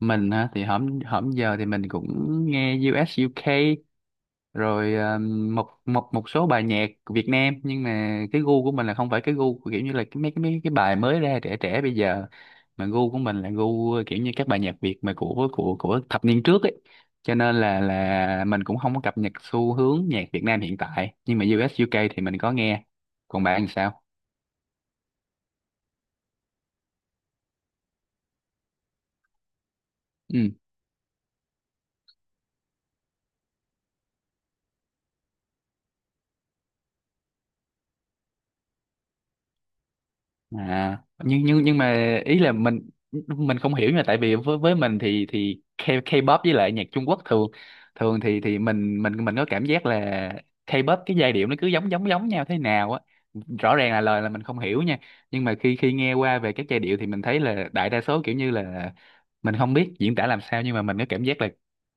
Mình á thì hổm hổm giờ thì mình cũng nghe U.S. UK rồi một một một số bài nhạc của Việt Nam, nhưng mà cái gu của mình là không phải cái gu của kiểu như là cái mấy cái mấy cái bài mới ra trẻ trẻ bây giờ, mà gu của mình là gu kiểu như các bài nhạc Việt mà của thập niên trước ấy. Cho nên là mình cũng không có cập nhật xu hướng nhạc Việt Nam hiện tại, nhưng mà U.S. UK thì mình có nghe. Còn bạn thì sao? Ừ. À, nhưng mà ý là mình không hiểu. Nhưng mà tại vì với mình thì K-pop với lại nhạc Trung Quốc thường, thường thì mình có cảm giác là K-pop cái giai điệu nó cứ giống giống giống nhau thế nào á. Rõ ràng là lời là mình không hiểu nha, nhưng mà khi khi nghe qua về các giai điệu thì mình thấy là đại đa số kiểu như là, mình không biết diễn tả làm sao, nhưng mà mình có cảm giác là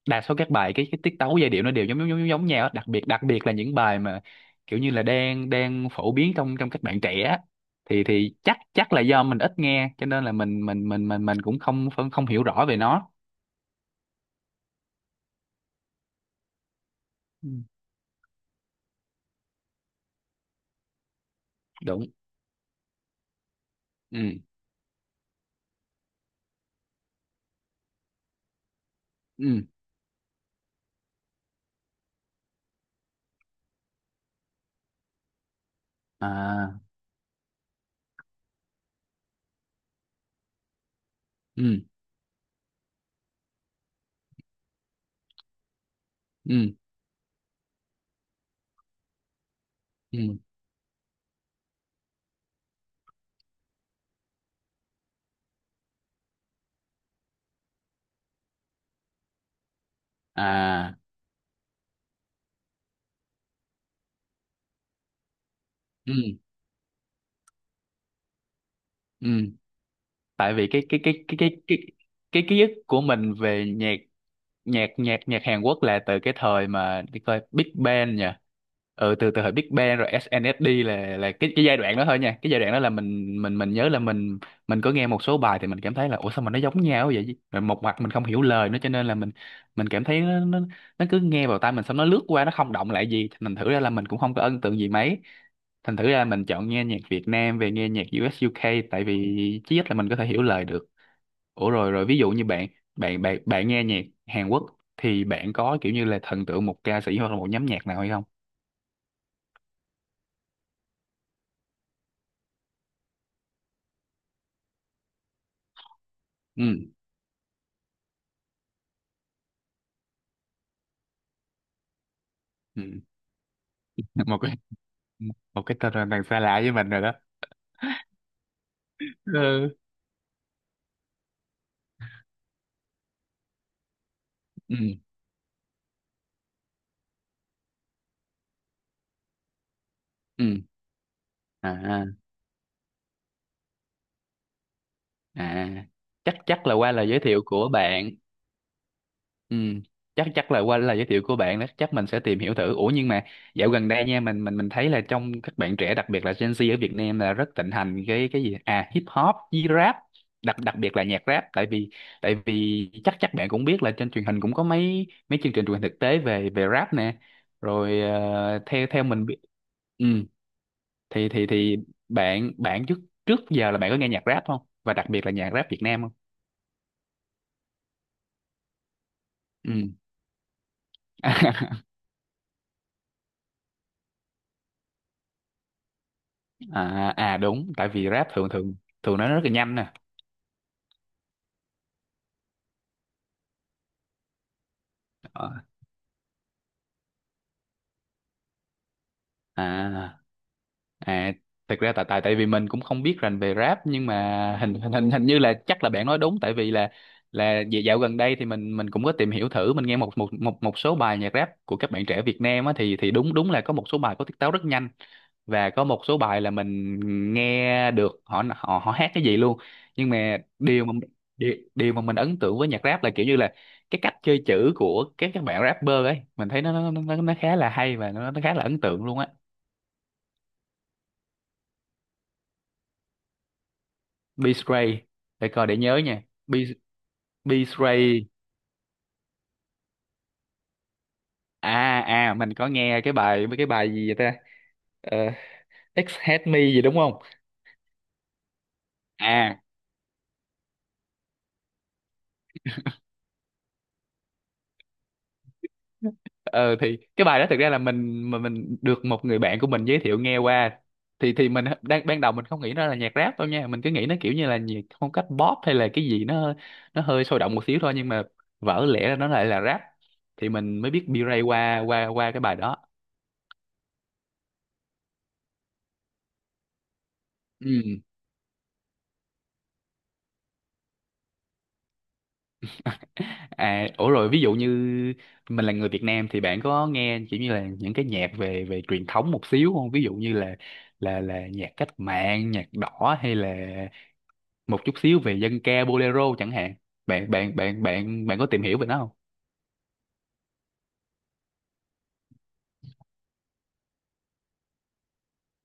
đa số các bài cái tiết tấu giai điệu nó đều giống giống giống giống nhau á. Đặc biệt là những bài mà kiểu như là đang đang phổ biến trong trong các bạn trẻ, thì chắc chắc là do mình ít nghe, cho nên là mình cũng không không không hiểu rõ về nó. Ừ, đúng. Ừ. Ừ. À. Ừ. Ừ. Ừ. À. Ừ. Ừ. Tại vì cái ký ức của mình về nhạc nhạc nhạc nhạc Hàn Quốc là từ cái thời mà đi coi Big Bang nhỉ. Ừ, từ từ thời Big Bang rồi SNSD, là cái giai đoạn đó thôi nha. Cái giai đoạn đó là mình nhớ là mình có nghe một số bài thì mình cảm thấy là ủa sao mà nó giống nhau vậy chứ? Rồi một mặt mình không hiểu lời nữa, cho nên là mình cảm thấy nó cứ nghe vào tai mình xong nó lướt qua, nó không động lại gì. Thành thử ra là mình cũng không có ấn tượng gì mấy. Thành thử ra mình chọn nghe nhạc Việt Nam về, nghe nhạc US UK, tại vì chí ít là mình có thể hiểu lời được. Ủa rồi, ví dụ như bạn, bạn nghe nhạc Hàn Quốc thì bạn có kiểu như là thần tượng một ca sĩ hoặc là một nhóm nhạc nào hay không? Ừ. Ừ. một cái một cái tên là đằng xa lạ với mình rồi đó. Ừ. Ừ. Ừ. À. À, chắc chắc là qua lời giới thiệu của bạn. Ừ, chắc chắc là qua lời giới thiệu của bạn đó, chắc mình sẽ tìm hiểu thử. Ủa, nhưng mà dạo gần đây nha, mình thấy là trong các bạn trẻ, đặc biệt là Gen Z ở Việt Nam, là rất thịnh hành cái gì à, hip hop với rap. Đặc đặc biệt là nhạc rap, tại vì, tại vì chắc chắc bạn cũng biết là trên truyền hình cũng có mấy mấy chương trình truyền hình thực tế về về rap nè, rồi theo theo mình biết. Ừ, thì thì bạn, trước, trước giờ là bạn có nghe nhạc rap không, và đặc biệt là nhạc rap Việt Nam không? Ừ. À, à đúng, tại vì rap thường, thường nó rất là nhanh nè. Ờ. À. À, thực ra tại, tại vì mình cũng không biết rành về rap, nhưng mà hình hình hình hình như là chắc là bạn nói đúng. Tại vì là dạo dạo gần đây thì mình cũng có tìm hiểu thử, mình nghe một một một một số bài nhạc rap của các bạn trẻ Việt Nam á, thì đúng, đúng là có một số bài có tiết tấu rất nhanh, và có một số bài là mình nghe được họ họ họ hát cái gì luôn. Nhưng mà điều mà, điều mà mình ấn tượng với nhạc rap là kiểu như là cái cách chơi chữ của các bạn rapper ấy, mình thấy nó khá là hay, và nó khá là ấn tượng luôn á. B Stray, để coi để nhớ nha. B B Stray. À. À, mình có nghe cái bài, cái bài gì vậy ta? Ờ, X Hate Me gì đúng không? À, ờ, thì cái bài đó thực ra là mình, mà mình được một người bạn của mình giới thiệu nghe qua, thì mình đang, ban đầu mình không nghĩ nó là nhạc rap đâu nha, mình cứ nghĩ nó kiểu như là nhạc phong cách pop hay là cái gì, nó hơi sôi động một xíu thôi. Nhưng mà vỡ lẽ ra nó lại là rap, thì mình mới biết B-Ray qua qua qua cái bài đó. Ừ. À, ủa rồi ví dụ như mình là người Việt Nam, thì bạn có nghe kiểu như là những cái nhạc về về truyền thống một xíu không? Ví dụ như là, là nhạc cách mạng, nhạc đỏ, hay là một chút xíu về dân ca, bolero chẳng hạn. Bạn bạn bạn bạn bạn có tìm hiểu về nó không?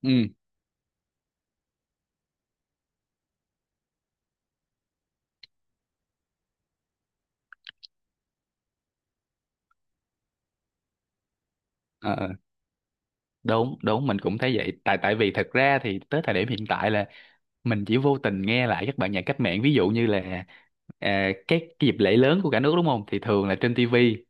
Ừ. Ờ. Ờ, đúng, đúng mình cũng thấy vậy. Tại, vì thật ra thì tới thời điểm hiện tại là mình chỉ vô tình nghe lại các bạn nhạc cách mạng, ví dụ như là, à, các cái dịp lễ lớn của cả nước, đúng không, thì thường là trên tivi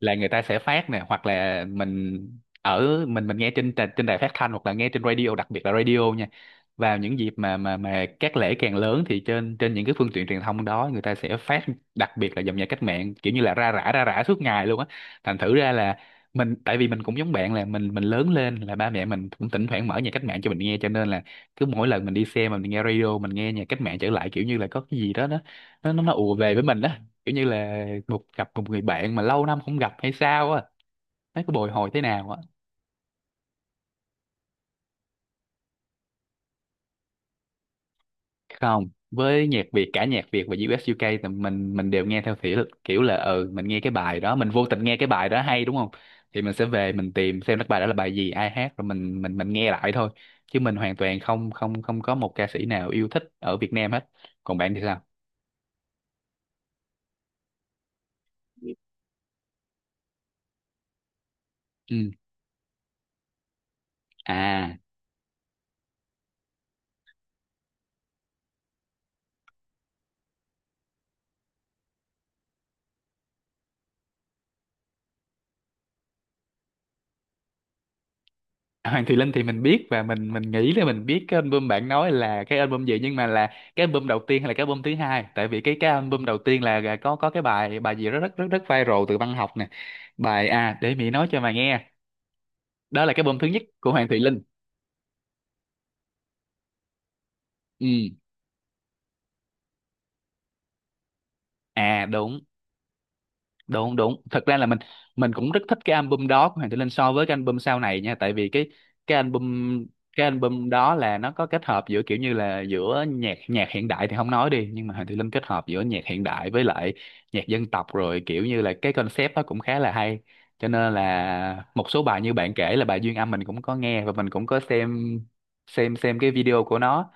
là người ta sẽ phát nè, hoặc là ở mình nghe trên trên đài phát thanh, hoặc là nghe trên radio, đặc biệt là radio nha. Vào những dịp mà mà các lễ càng lớn thì trên trên những cái phương tiện truyền thông đó người ta sẽ phát, đặc biệt là dòng nhạc cách mạng, kiểu như là ra rã suốt ngày luôn á. Thành thử ra là mình, tại vì mình cũng giống bạn, là mình lớn lên là ba mẹ mình cũng thỉnh thoảng mở nhạc cách mạng cho mình nghe, cho nên là cứ mỗi lần mình đi xe mà mình nghe radio, mình nghe nhạc cách mạng trở lại, kiểu như là có cái gì đó nó, nó ùa về với mình đó, kiểu như là một, gặp một người bạn mà lâu năm không gặp hay sao á, thấy có bồi hồi thế nào á. Không, với nhạc Việt, cả nhạc Việt và US UK, thì mình đều nghe theo kiểu, là ừ, mình nghe cái bài đó, mình vô tình nghe cái bài đó hay, đúng không, thì mình sẽ về mình tìm xem cái bài đó là bài gì, ai hát, rồi mình nghe lại thôi. Chứ mình hoàn toàn không không không có một ca sĩ nào yêu thích ở Việt Nam hết. Còn bạn thì sao? Ừ. À, Hoàng Thùy Linh thì mình biết, và mình nghĩ là mình biết cái album bạn nói là cái album gì, nhưng mà là cái album đầu tiên hay là cái album thứ hai? Tại vì cái album đầu tiên là có cái bài, bài gì rất rất rất rất viral từ văn học nè, bài, à, Để Mỹ nói Cho Mà Nghe. Đó là cái album thứ nhất của Hoàng Thùy Linh. Ừ. À, đúng, đúng, đúng, thật ra là mình cũng rất thích cái album đó của Hoàng Tử Linh so với cái album sau này nha. Tại vì cái, cái album cái album đó là nó có kết hợp giữa kiểu như là giữa nhạc, nhạc hiện đại thì không nói đi, nhưng mà Hoàng Tử Linh kết hợp giữa nhạc hiện đại với lại nhạc dân tộc, rồi kiểu như là cái concept đó cũng khá là hay. Cho nên là một số bài như bạn kể là bài Duyên Âm, mình cũng có nghe, và mình cũng có xem, xem cái video của nó.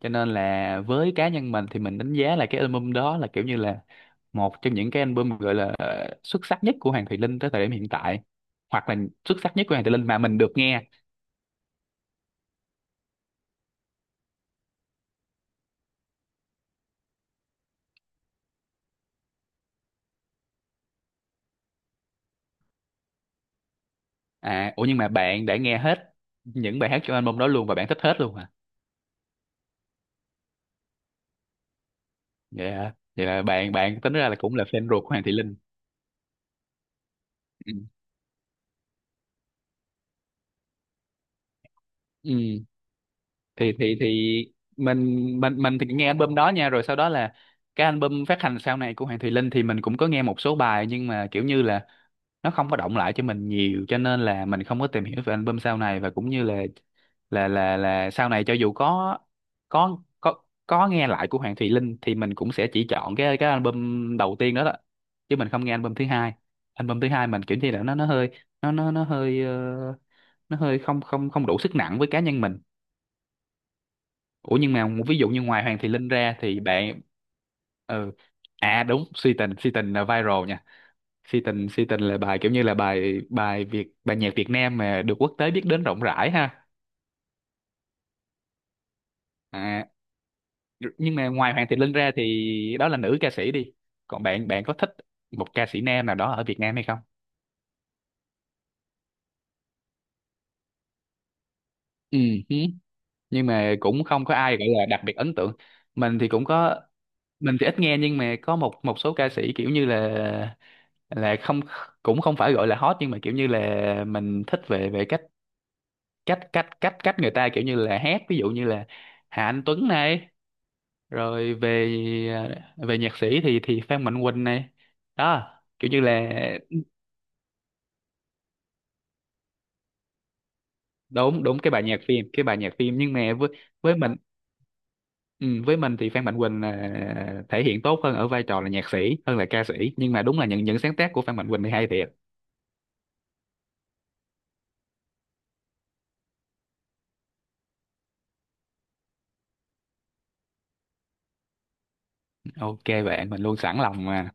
Cho nên là với cá nhân mình thì mình đánh giá là cái album đó là kiểu như là một trong những cái album gọi là xuất sắc nhất của Hoàng Thùy Linh tới thời điểm hiện tại, hoặc là xuất sắc nhất của Hoàng Thùy Linh mà mình được nghe. À, ủa nhưng mà bạn đã nghe hết những bài hát trong album đó luôn, và bạn thích hết luôn hả? Vậy hả? Vậy là bạn, tính ra là cũng là fan ruột của Hoàng Thùy Linh. Ừ. Ừ. Thì thì mình thì nghe album đó nha, rồi sau đó là cái album phát hành sau này của Hoàng Thùy Linh thì mình cũng có nghe một số bài, nhưng mà kiểu như là nó không có động lại cho mình nhiều, cho nên là mình không có tìm hiểu về album sau này, và cũng như là, là sau này cho dù có nghe lại của Hoàng Thùy Linh, thì mình cũng sẽ chỉ chọn cái album đầu tiên đó đó, chứ mình không nghe album thứ hai. Album thứ hai mình kiểu như là nó hơi, nó hơi nó hơi không không không đủ sức nặng với cá nhân mình. Ủa, nhưng mà một, ví dụ như ngoài Hoàng Thị Linh ra thì bạn, ừ, à đúng, Si Tình, Si Tình là viral nha. Si Tình, Si Tình là bài kiểu như là bài, bài Việt, bài nhạc Việt Nam mà được quốc tế biết đến rộng rãi ha. À, nhưng mà ngoài Hoàng Thị Linh ra thì đó là nữ ca sĩ đi, còn bạn, bạn có thích một ca sĩ nam nào đó ở Việt Nam hay không? Ừ. Hứ. Nhưng mà cũng không có ai gọi là đặc biệt ấn tượng. Mình thì cũng có. Mình thì ít nghe, nhưng mà có một một số ca sĩ kiểu như là, không, cũng không phải gọi là hot, nhưng mà kiểu như là mình thích về về cách cách cách cách cách người ta kiểu như là hát, ví dụ như là Hà Anh Tuấn này, rồi về về nhạc sĩ thì Phan Mạnh Quỳnh này, đó, kiểu như là. Đúng, đúng, cái bài nhạc phim, cái bài nhạc phim, nhưng mà với mình, ừ, với mình thì Phan Mạnh Quỳnh là thể hiện tốt hơn ở vai trò là nhạc sĩ hơn là ca sĩ, nhưng mà đúng là những sáng tác của Phan Mạnh Quỳnh thì hay thiệt. OK bạn, mình luôn sẵn lòng mà.